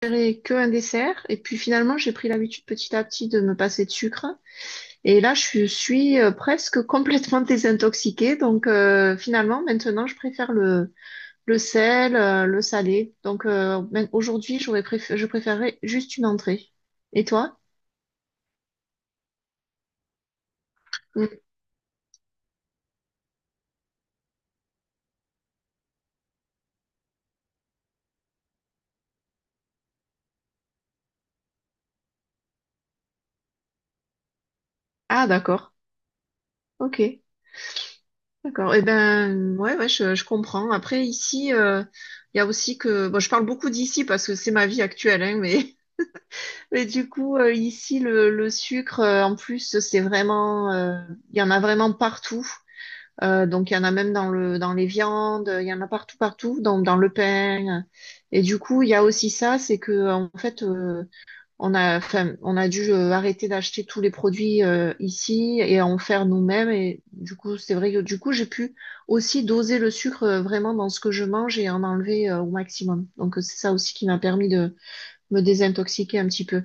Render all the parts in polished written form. Préférais que un dessert. Et puis finalement, j'ai pris l'habitude petit à petit de me passer de sucre. Et là, je suis presque complètement désintoxiquée. Finalement, maintenant, je préfère le sel, le salé. Même aujourd'hui, je préférerais juste une entrée. Et toi? Mm. Ah, d'accord. Ok. D'accord. Eh ben, ouais, ouais, je comprends. Après, ici, il y a aussi que, bon, je parle beaucoup d'ici parce que c'est ma vie actuelle, hein, mais… Et du coup, ici, le sucre, en plus, il y en a vraiment partout. Donc, il y en a même dans dans les viandes, il y en a partout, partout, dans le pain. Et du coup, il y a aussi ça, c'est que, en fait, on a, enfin, on a dû arrêter d'acheter tous les produits ici et en faire nous-mêmes. Et du coup, c'est vrai que du coup, j'ai pu aussi doser le sucre vraiment dans ce que je mange et en enlever au maximum. Donc, c'est ça aussi qui m'a permis de me désintoxiquer un petit peu.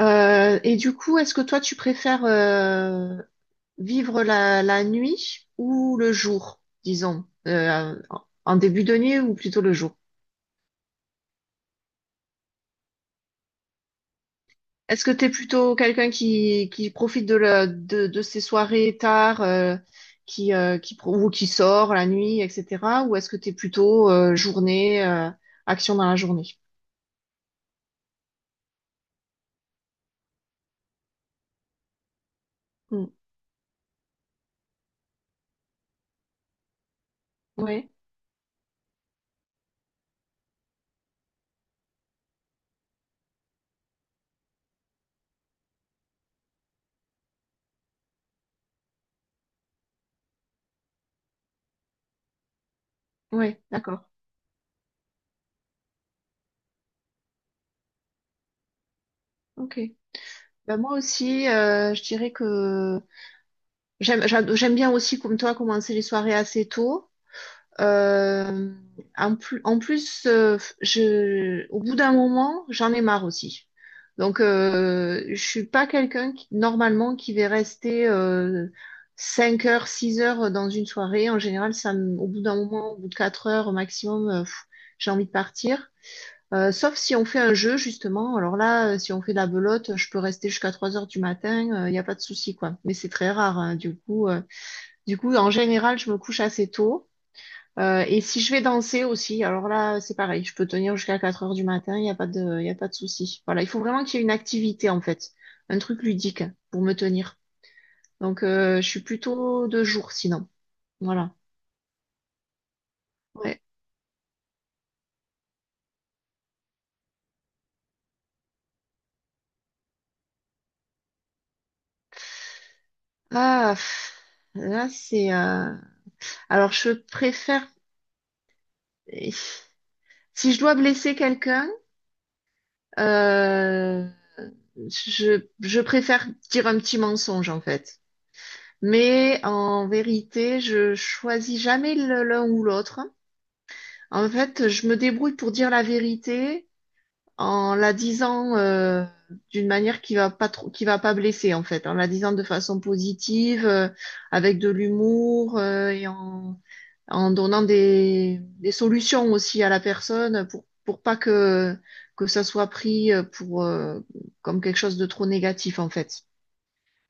Et du coup, est-ce que toi, tu préfères vivre la nuit ou le jour, disons, en début de nuit ou plutôt le jour? Est-ce que tu es plutôt quelqu'un qui profite de, de ses soirées tard, ou qui sort la nuit, etc. Ou est-ce que tu es plutôt journée, action dans la journée? Oui, ouais, ouais, d'accord. Ok. Ben moi aussi, je dirais que… J'aime bien aussi, comme toi, commencer les soirées assez tôt. Euh, en plus au bout d'un moment, j'en ai marre aussi. Donc, je suis pas quelqu'un qui, normalement, qui va rester 5 heures, 6 heures dans une soirée. En général, au bout d'un moment, au bout de 4 heures au maximum, j'ai envie de partir. Sauf si on fait un jeu, justement. Alors là, si on fait de la belote, je peux rester jusqu'à 3 heures du matin, il n'y a pas de souci, quoi. Mais c'est très rare, hein, du coup. En général, je me couche assez tôt. Et si je vais danser aussi, alors là, c'est pareil, je peux tenir jusqu'à 4 heures du matin, il y a pas de souci. Voilà, il faut vraiment qu'il y ait une activité, en fait, un truc ludique pour me tenir. Donc, je suis plutôt de jour, sinon. Voilà. Ouais. Ah, pff, Là, alors, je préfère… Si je dois blesser quelqu'un, euh, je préfère dire un petit mensonge, en fait. Mais en vérité, je choisis jamais l'un ou l'autre. En fait, je me débrouille pour dire la vérité en la disant d'une manière qui va pas blesser en fait, en la disant de façon positive, avec de l'humour en donnant des solutions aussi à la personne pour pas que ça soit pris pour comme quelque chose de trop négatif en fait.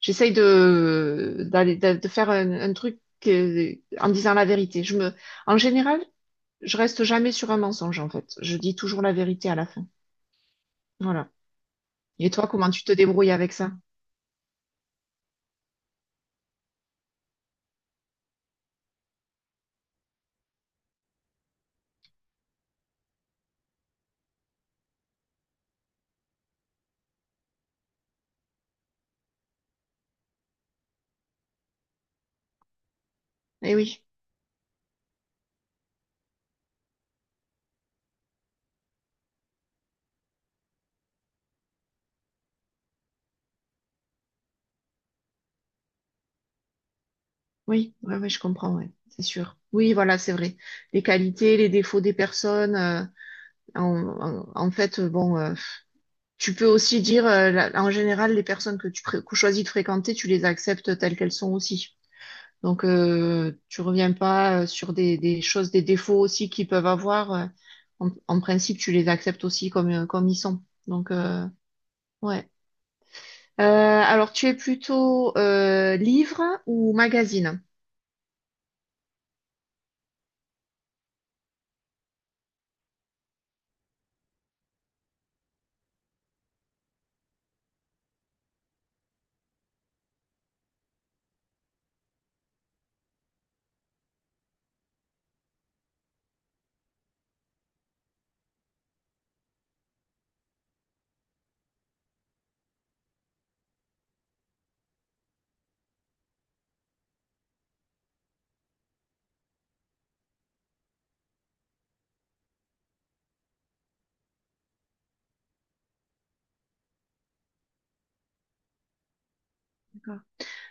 J'essaye de faire un truc euh, en disant la vérité. En général, je reste jamais sur un mensonge, en fait. Je dis toujours la vérité à la fin. Voilà. Et toi, comment tu te débrouilles avec ça? Eh oui. Oui, ouais, ouais, je comprends, ouais, c'est sûr. Oui, voilà, c'est vrai. Les qualités, les défauts des personnes. En, En fait, bon, tu peux aussi dire, en général, les personnes que choisis de fréquenter, tu les acceptes telles qu'elles sont aussi. Donc, tu reviens pas sur des choses, des défauts aussi qu'ils peuvent avoir. En principe, tu les acceptes aussi comme, comme ils sont. Donc, ouais. Alors, tu es plutôt livre ou magazine?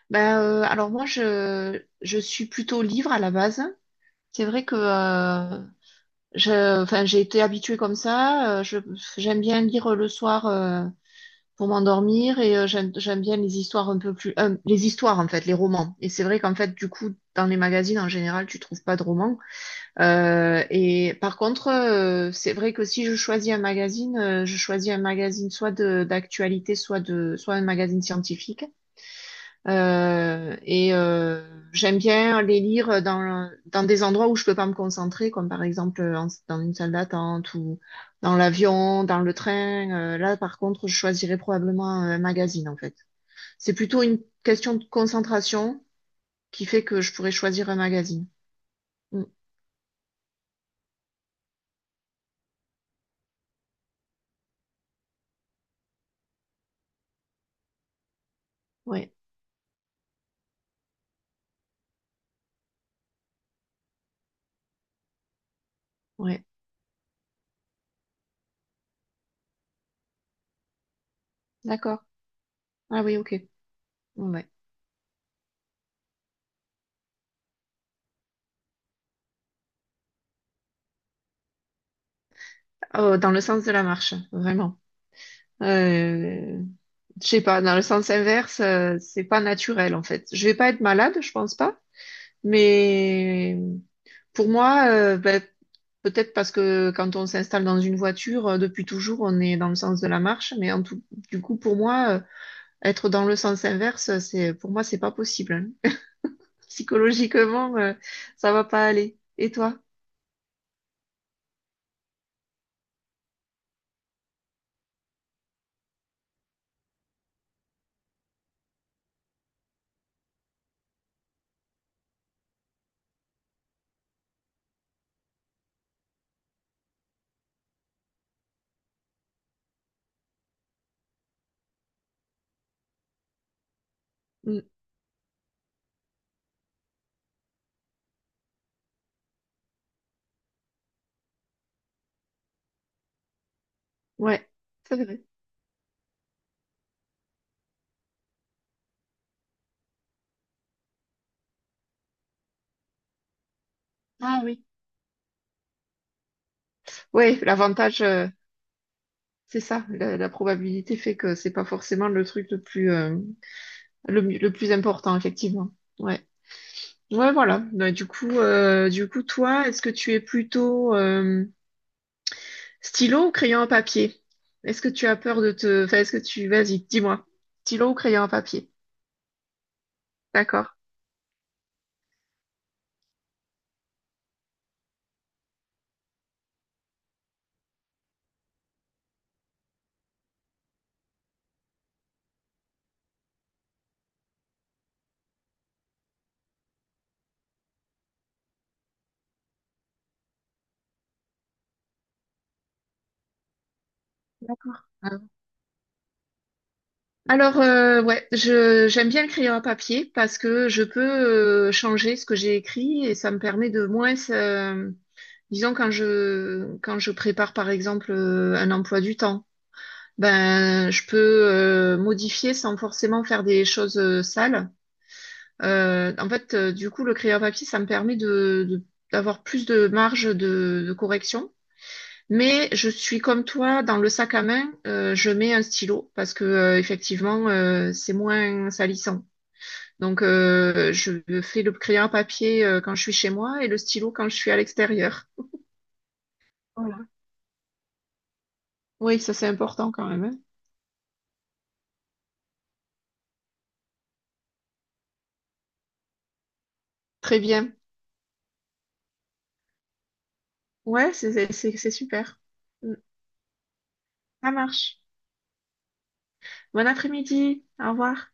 Ben, alors moi, je suis plutôt livre à la base. C'est vrai que enfin, j'ai été habituée comme ça. J'aime bien lire le soir pour m'endormir et j'aime bien les histoires un peu plus… en fait, les romans. Et c'est vrai qu'en fait, du coup, dans les magazines, en général, tu trouves pas de romans. Et par contre, c'est vrai que si je choisis un magazine, je choisis un magazine d'actualité, soit un magazine scientifique. Euh, et euh, J'aime bien les lire dans des endroits où je peux pas me concentrer, comme par exemple dans une salle d'attente ou dans l'avion, dans le train. Là, par contre, je choisirais probablement un magazine, en fait. C'est plutôt une question de concentration qui fait que je pourrais choisir un magazine. Mm. Ouais, ouais. D'accord. Ah oui, ok. Ouais. Ouais. Oh, dans le sens de la marche, vraiment. Euh… Je sais pas, dans le sens inverse, c'est pas naturel en fait. Je vais pas être malade, je pense pas, mais pour moi, peut-être parce que quand on s'installe dans une voiture, depuis toujours, on est dans le sens de la marche. Mais en tout, du coup, pour moi, être dans le sens inverse, pour moi, c'est pas possible. Hein. Psychologiquement, ça va pas aller. Et toi? Mm. Ouais, c'est vrai. Ah oui. Ouais, l'avantage, c'est ça. La probabilité fait que c'est pas forcément le truc le plus, le plus important, effectivement. Ouais. Ouais, voilà. Bah, du coup, toi, est-ce que tu es plutôt stylo ou crayon à papier? Est-ce que tu as peur de te… Enfin, est-ce que tu… Vas-y, dis-moi. Stylo ou crayon à papier? D'accord. D'accord. Ah. Alors, ouais, j'aime bien le crayon à papier parce que je peux changer ce que j'ai écrit et ça me permet de moins… disons, quand je prépare, par exemple, un emploi du temps, ben, je peux modifier sans forcément faire des choses sales. Du coup, le crayon papier, ça me permet d'avoir plus de marge de correction. Mais je suis comme toi, dans le sac à main, je mets un stylo parce que effectivement, c'est moins salissant. Donc, je fais le crayon à papier quand je suis chez moi et le stylo quand je suis à l'extérieur. Voilà. Oui, ça c'est important quand même. Hein. Très bien. Ouais, c'est super. Mm. Ça marche. Bon après-midi. Au revoir.